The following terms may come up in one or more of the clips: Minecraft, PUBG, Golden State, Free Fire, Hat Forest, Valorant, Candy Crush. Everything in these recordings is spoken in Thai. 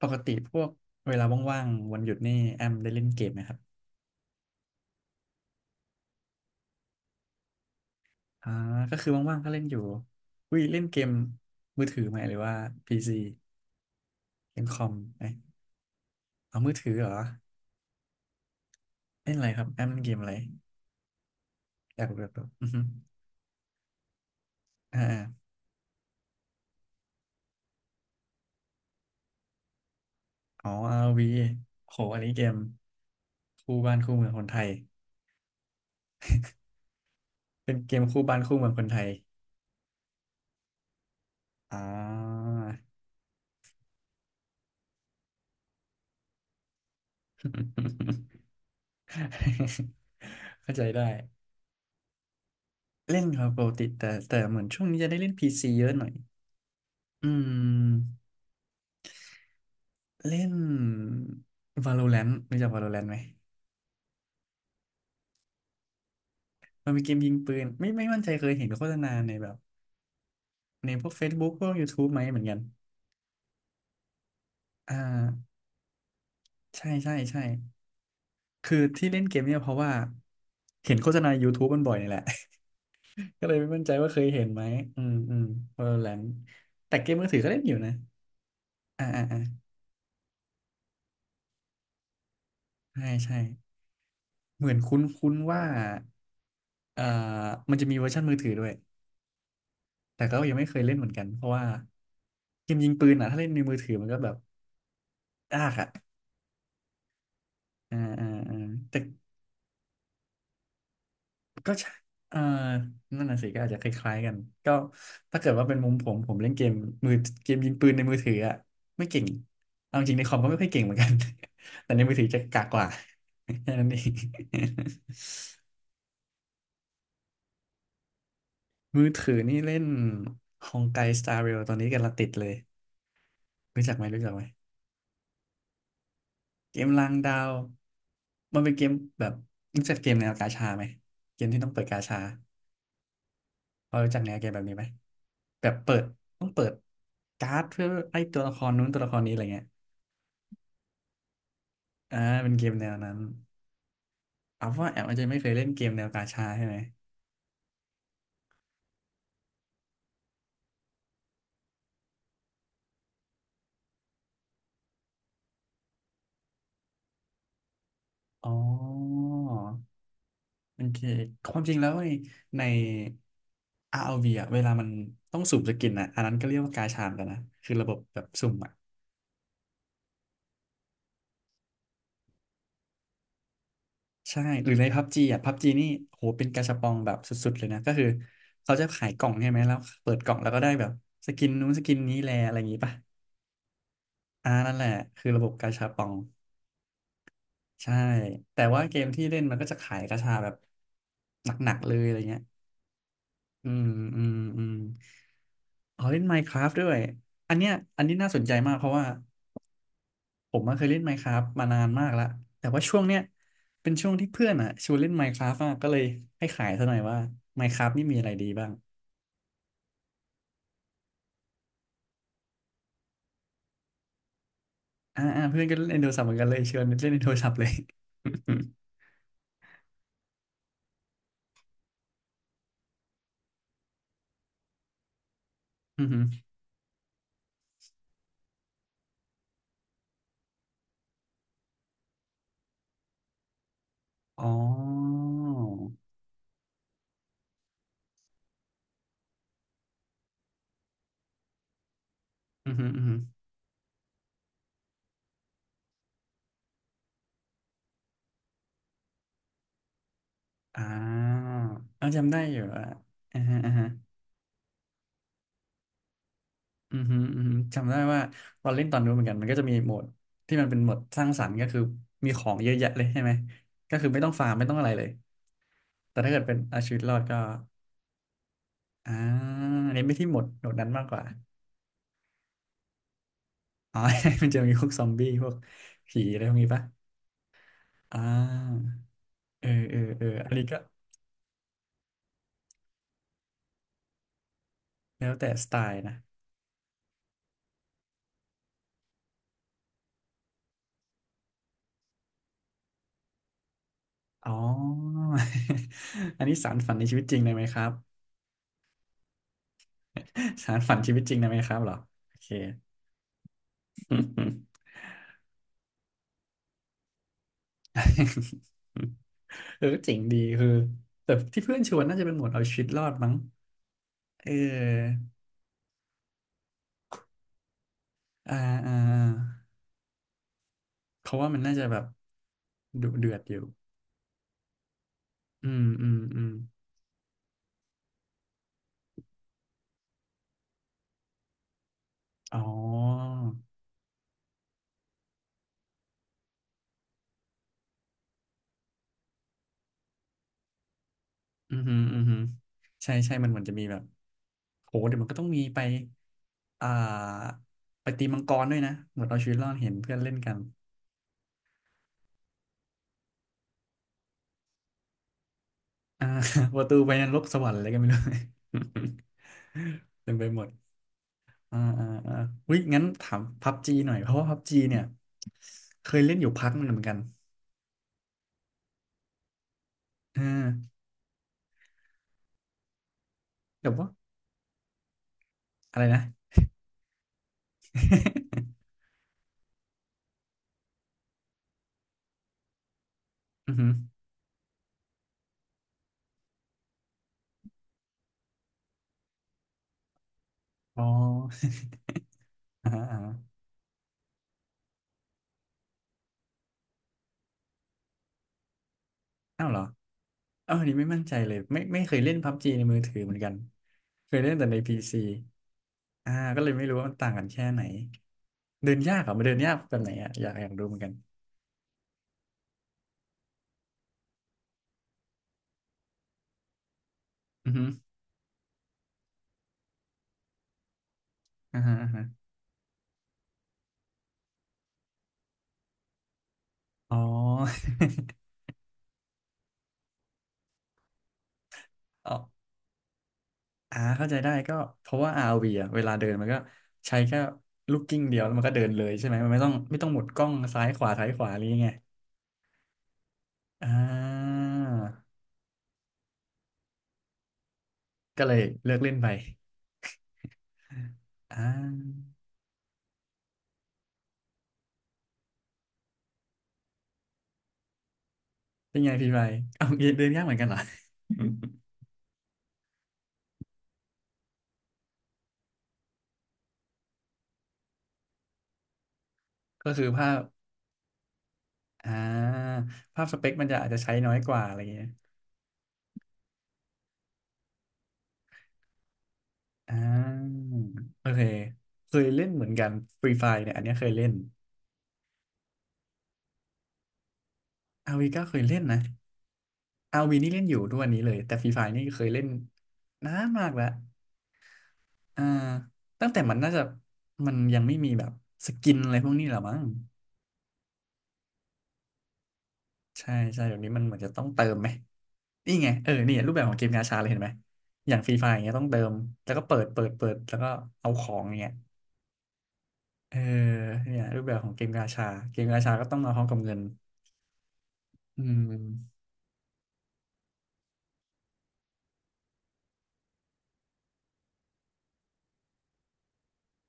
ปกติพวกเวลาว่างๆวันหยุดนี่แอมได้เล่นเกมไหมครับอ่าก็คือว่างๆก็เล่นอยู่อุ้ยเล่นเกมมือถือไหมหรือว่าพีซีเกมคอมไหมเอามือถือเหรอเล่นอะไรครับแอมเล่นเกมอะไรอยากรู้อยากรู้อือฮึอ่าอาอ๋อ r โหอันนี้เกมคู่บ้านคู่เมืองคนไทยเป็นเกมคู่บ้านคู่เมืองคนไทยอ่า เข้าใจได้เล่นครับปกติแต่เหมือนช่วงนี้จะได้เล่นพีซีเยอะหน่อย อืมเล่น Valorant รู้จัก Valorant ไหมมันเป็นเกมยิงปืนไม่มั่นใจเคยเห็นโฆษณาในแบบในพวก Facebook พวก YouTube ไหมเหมือนกันอ่าใช่ใช่ใช่คือที่เล่นเกมเนี่ยเพราะว่าเห็นโฆษณา YouTube มันบ่อยนี่แหละ ก็เลยไม่มั่นใจว่าเคยเห็นไหมอืมอืม Valorant แต่เกมมือถือก็เล่นอยู่นะอ่าอ่าอ่าใช่ใช่เหมือนคุ้นคุ้นว่าเอ่อมันจะมีเวอร์ชันมือถือด้วย แต่ก็ยังไม่เคยเล่นเหมือนกันเพราะว่าเกมยิงปืนอ่ะถ้าเล่นในมือถือมันก็แบบยากอ่ะอ่าอ่าอ่าแต่ก็ใช่เออนั่นน่ะสิก็อาจจะคล้ายๆกันก็ถ้าเกิดว่าเป็นมุมผมเล่นมือเกมยิงปืนในมือถืออ่ะไม่เก่งเอาจริงในคอมก็ไม่ค่อยเก่งเหมือนกัน แต่ในมือถือจะกากกว่า แค่นั้นเอง มือถือนี่เล่นฮองไกสตาร์เรลตอนนี้กำลังติดเลยรู้จักไหมรู้จักไหม เกมลางดาวมันเป็นเกมแบบรู้จักเกมแนวกาชาไหมเกมที่ต้องเปิดกาชาพอรู้จักแนวเกมแบบนี้ไหมแบบเปิดต้องเปิดการ์ดเพื่อไล่ตัวละครนู้นตัวละครนี้อะไรเงี้ยอ่าเป็นเกมแนวนั้นเอาว่าแอมอาจจะไม่เคยเล่นเกมแนวกาชาใช่ไหมอ๋อโอเคความจริงแล้วในในอาร์ v อลวีอ่ะเวลามันต้องสุ่มสกินอะอันนั้นก็เรียกว่ากาชาเหมือนกันนะคือระบบแบบสุ่มอะ ใช่ หรือในพับจีอ่ะพับจีนี่โหเป็นกาชาปองแบบสุดๆเลยนะ ก็คือเขาจะขายกล่องใช่ไหม แล้วเปิดกล่องแล้วก็ได้แบบสกินนู้นสกินนี้แลอะไรอย่างงี้ป่ะ อ่านั่นแหละคือระบบกาชาปอง ใช่ แต่ว่าเกมที่เล่นมันก็จะขายกาชาแบบหนักๆเลยอะไรเงี้ยอืมอืมอืมอ๋อเล่น Minecraft ด้วย อันเนี้ยอันนี้น่าสนใจมากเพราะว่า ผมมาเคยเล่น Minecraft มานานมากแล้วแต่ว่าช่วงเนี้ยเป็นช่วงที่เพื่อนอ่ะชวนเล่น Minecraft มากก็เลยให้ขายซะหน่อยว่า Minecraft นี่มีอะไรดีบ้างอ่าอ่าเพื่อนก็เล่นในโทรศัพท์เหมือนกันเลยชวนเล่นในโทรศัพท์เลย อือหืออ๋ออือหืออือหืออ่าเอาจำได้อยู่อ่ะอ่าฮะอ่าฮะอืมฮึอืมฮึจำได้ว่าตอนเล่นตอนนู้นเหมือนกันมันก็จะมีโหมดที่มันเป็นโหมดสร้างสรรค์ก็คือมีของเยอะแยะเลยใช่ไหมก็คือไม่ต้องฟาร์มไม่ต้องอะไรเลยแต่ถ้าเกิดเป็นเอาชีวิตรอดก็ อ่าอันนี้ไม่ที่หมดโหนดนั้นมากกว่าอ๋อ มันจะมีพวกซอมบี้พวกผีอะไรพวกนี้ปะอ่าเออเออเอออันนี้ก็แล้วแต่สไตล์นะอ๋อ อันนี้สารฝันในชีวิตจริงได้ไหมครับ สารฝันชีวิตจริงได้ไหมครับเหรอโอเค เออเจ๋งดีคือแต่ที่เพื่อนชวนน่าจะเป็นหมวดเอาชีวิตรอดมั้งเอออ่าอ่าอ่าเพราะว่ามันน่าจะแบบดุเดือดอยู่อืมอืมอืม อ๋ออือหืออือหือใช่ใช่มันเหมือนจะมีแบบโหเดี๋ยวมันก็ต้องมีไป อ่า ไปตีมังกรด้วยนะเหมือนเอาชีวิตรอดเห็นเพื่อนเล่นกัน อ่า ประตูไปนรกสวรรค์อะไรก็ไม่รู้ เต็มไปหมดอ่าอ่าอ่าอุ้ยงั้นถามพับจีหน่อย เพราะว่าพับจีเนี่ยเคยเล่นอยู่พักหนึงเหมือนกันเออแต่ว่าอะไรนะ อือหืออ๋อ อ่า อ้าวเหรออ้าวอันนี้ไม่มั่นใจเลยไม่เคยเล่นพับจีในมือถือเหมือนกันเคยเล่นแต่ในพีซีอ่าก็เลยไม่รู้ว่ามันต่างกันแค่ไหนเดินยากเหรอมันเดินยากแบบไหนอ่ะอยากอยากรู้เหมือนกันอือฮึอ่าฮะอ่าฮะอ๋อ อ๋ออ่าเข้าใจได้ก็เพราะว่า r ีอ่ะเวลาเดินมันก็ใช้แค่ลูกกิ้งเดียวแล้วมันก็เดินเลยใช่ไหมมันไม่ต้องหมุนกล้องซ้ายขวาซ้ายขวาอะไรยังไงอ่าก็เลยเลิกเล่นไปอ่าเป็นไงพี่ไปเอาเดินยากเหมือนกันเหรอ อืมก็คืออ่าภาพสเปคมันจะอาจจะใช้น้อยกว่าอะไรเงี้ยอ่าโอเคเคยเล่นเหมือนกันฟรีไฟเนี่ยอันเนี้ยเคยเล่นอาวีก็เคยเล่นนะอาวีนี่เล่นอยู่ทุกวันนี้เลยแต่ฟรีไฟนี่เคยเล่นนานมากแล้วอ่าตั้งแต่มันน่าจะมันยังไม่มีแบบสกินอะไรพวกนี้หรอมั้งใช่ใช่เดี๋ยวนี้มันเหมือนจะต้องเติมไหมนี่ไงเออนี่รูปแบบของเกมกาชาเลยเห็นไหมอย่างฟรีไฟอย่างเงี้ยต้องเติมแล้วก็เปิดเปิดเปิดแล้วก็เอาของอย่างเงี้ย เออเนี่ยรูปแบบของเกมกาชาเกมกาชาก็ต้องมาพร้อมกับเงินอืม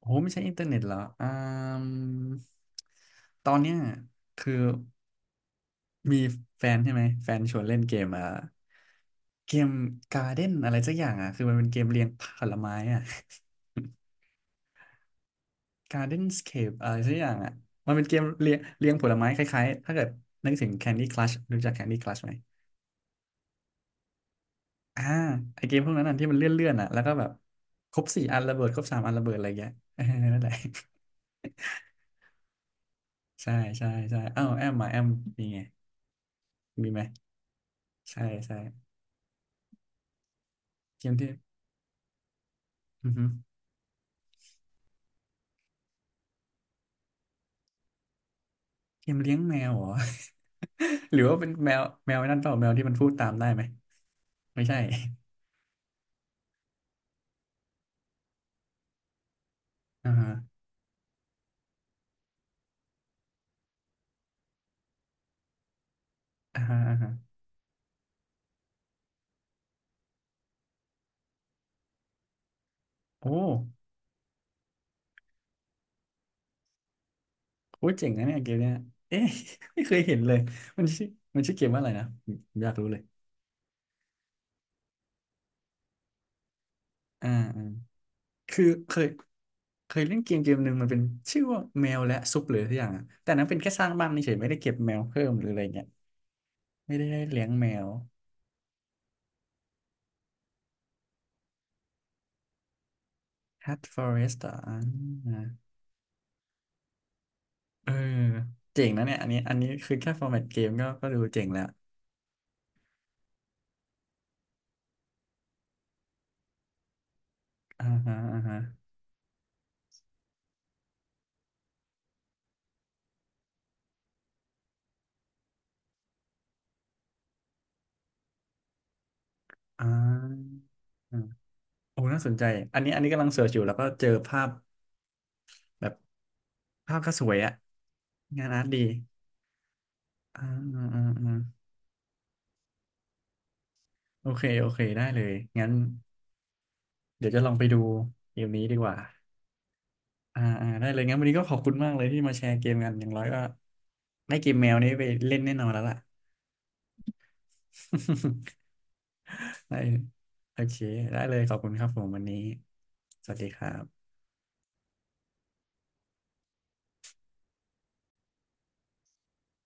โอ้ไม่ใช่อินเทอร์เน็ตเหรออ่ามตอนเนี้ยคือมีแฟนใช่ไหมแฟนชวนเล่นเกมอ่ะเกมการ์เด้นอะไรสักอย่างอ่ะคือมันเป็นเกมเรียงผลไม้อ่ะ g a r d e n นสเค e อะไรสักอย่างอ่ะมันเป็นเกมเรียงเรียงผลไม้คล้ายๆถ้าเกิดนึกถึง Candy Crush รู้จัก Candy Crush ไหม อ่าไอเกมพวกนั้นอ่ะที่มันเลื่อนๆอนอ่ะแล้วก็แบบครบสี่อันระเบิดครบสามอันระเบิดอะไรเงี้ยเออนั่นแหละ ใช่ใช่ใช่เอ้าแอมมาแอมมีไงมีไหมใช่ใช่เกมที่อือฮึเกมเลี้ยงแมวเหรอ หรือว่าเป็นแมวแมวไอ้นั่นเปล่าแมวที่มันพูดตามได้ไหมไม่ใช่ อ่าฮะอ่าฮะอ่าฮะโอ้โหเจ๋งนะเนี่ยเกมเนี้ยเอ๊ะ ไม่เคยเห็นเลยมันชื่อมันชื่อเกมว่าอะไรนะผมอยากรู้เลยอ่าอ่าคือเคยเล่นเกมเกมหนึ่งมันเป็นชื่อว่าแมวและซุปหรือทุกอย่างอะแต่นั้นเป็นแค่สร้างบ้านเฉยๆไม่ได้เก็บแมวเพิ่มหรืออะไรเงี้ยไม่ได้เลี้ยงแมว Hat Forest อ่ะอ่าเออเจ๋งนะเนี่ยอันนี้อันนี้คือแค่ฟอร์แมตเกมก็ก็ดูเจ๋งแล้วอ่าฮะอ่าฮะอ่าอ่าโอ้น่าสนใจอันนี้อันนี้กำลังเสิร์ชอยู่แล้วก็เจอภาพแบบภาพก็สวยอะงานอาร์ตดีอ่าอ่าอ่าอ่าโอเคโอเคได้เลยงั้นเดี๋ยวจะลองไปดูเกมนี้ดีกว่า อ่าอ่าได้เลยงั้นวันนี้ก็ขอบคุณมากเลยที่มาแชร์เกมกันอย่างน้อยก็ได้เกมแมวนี้ไปเล่นแน่นอนแล้วล่ะ ได้โอเคได้เลยขอบคุณครับผมวันนี้สวัสดีครับ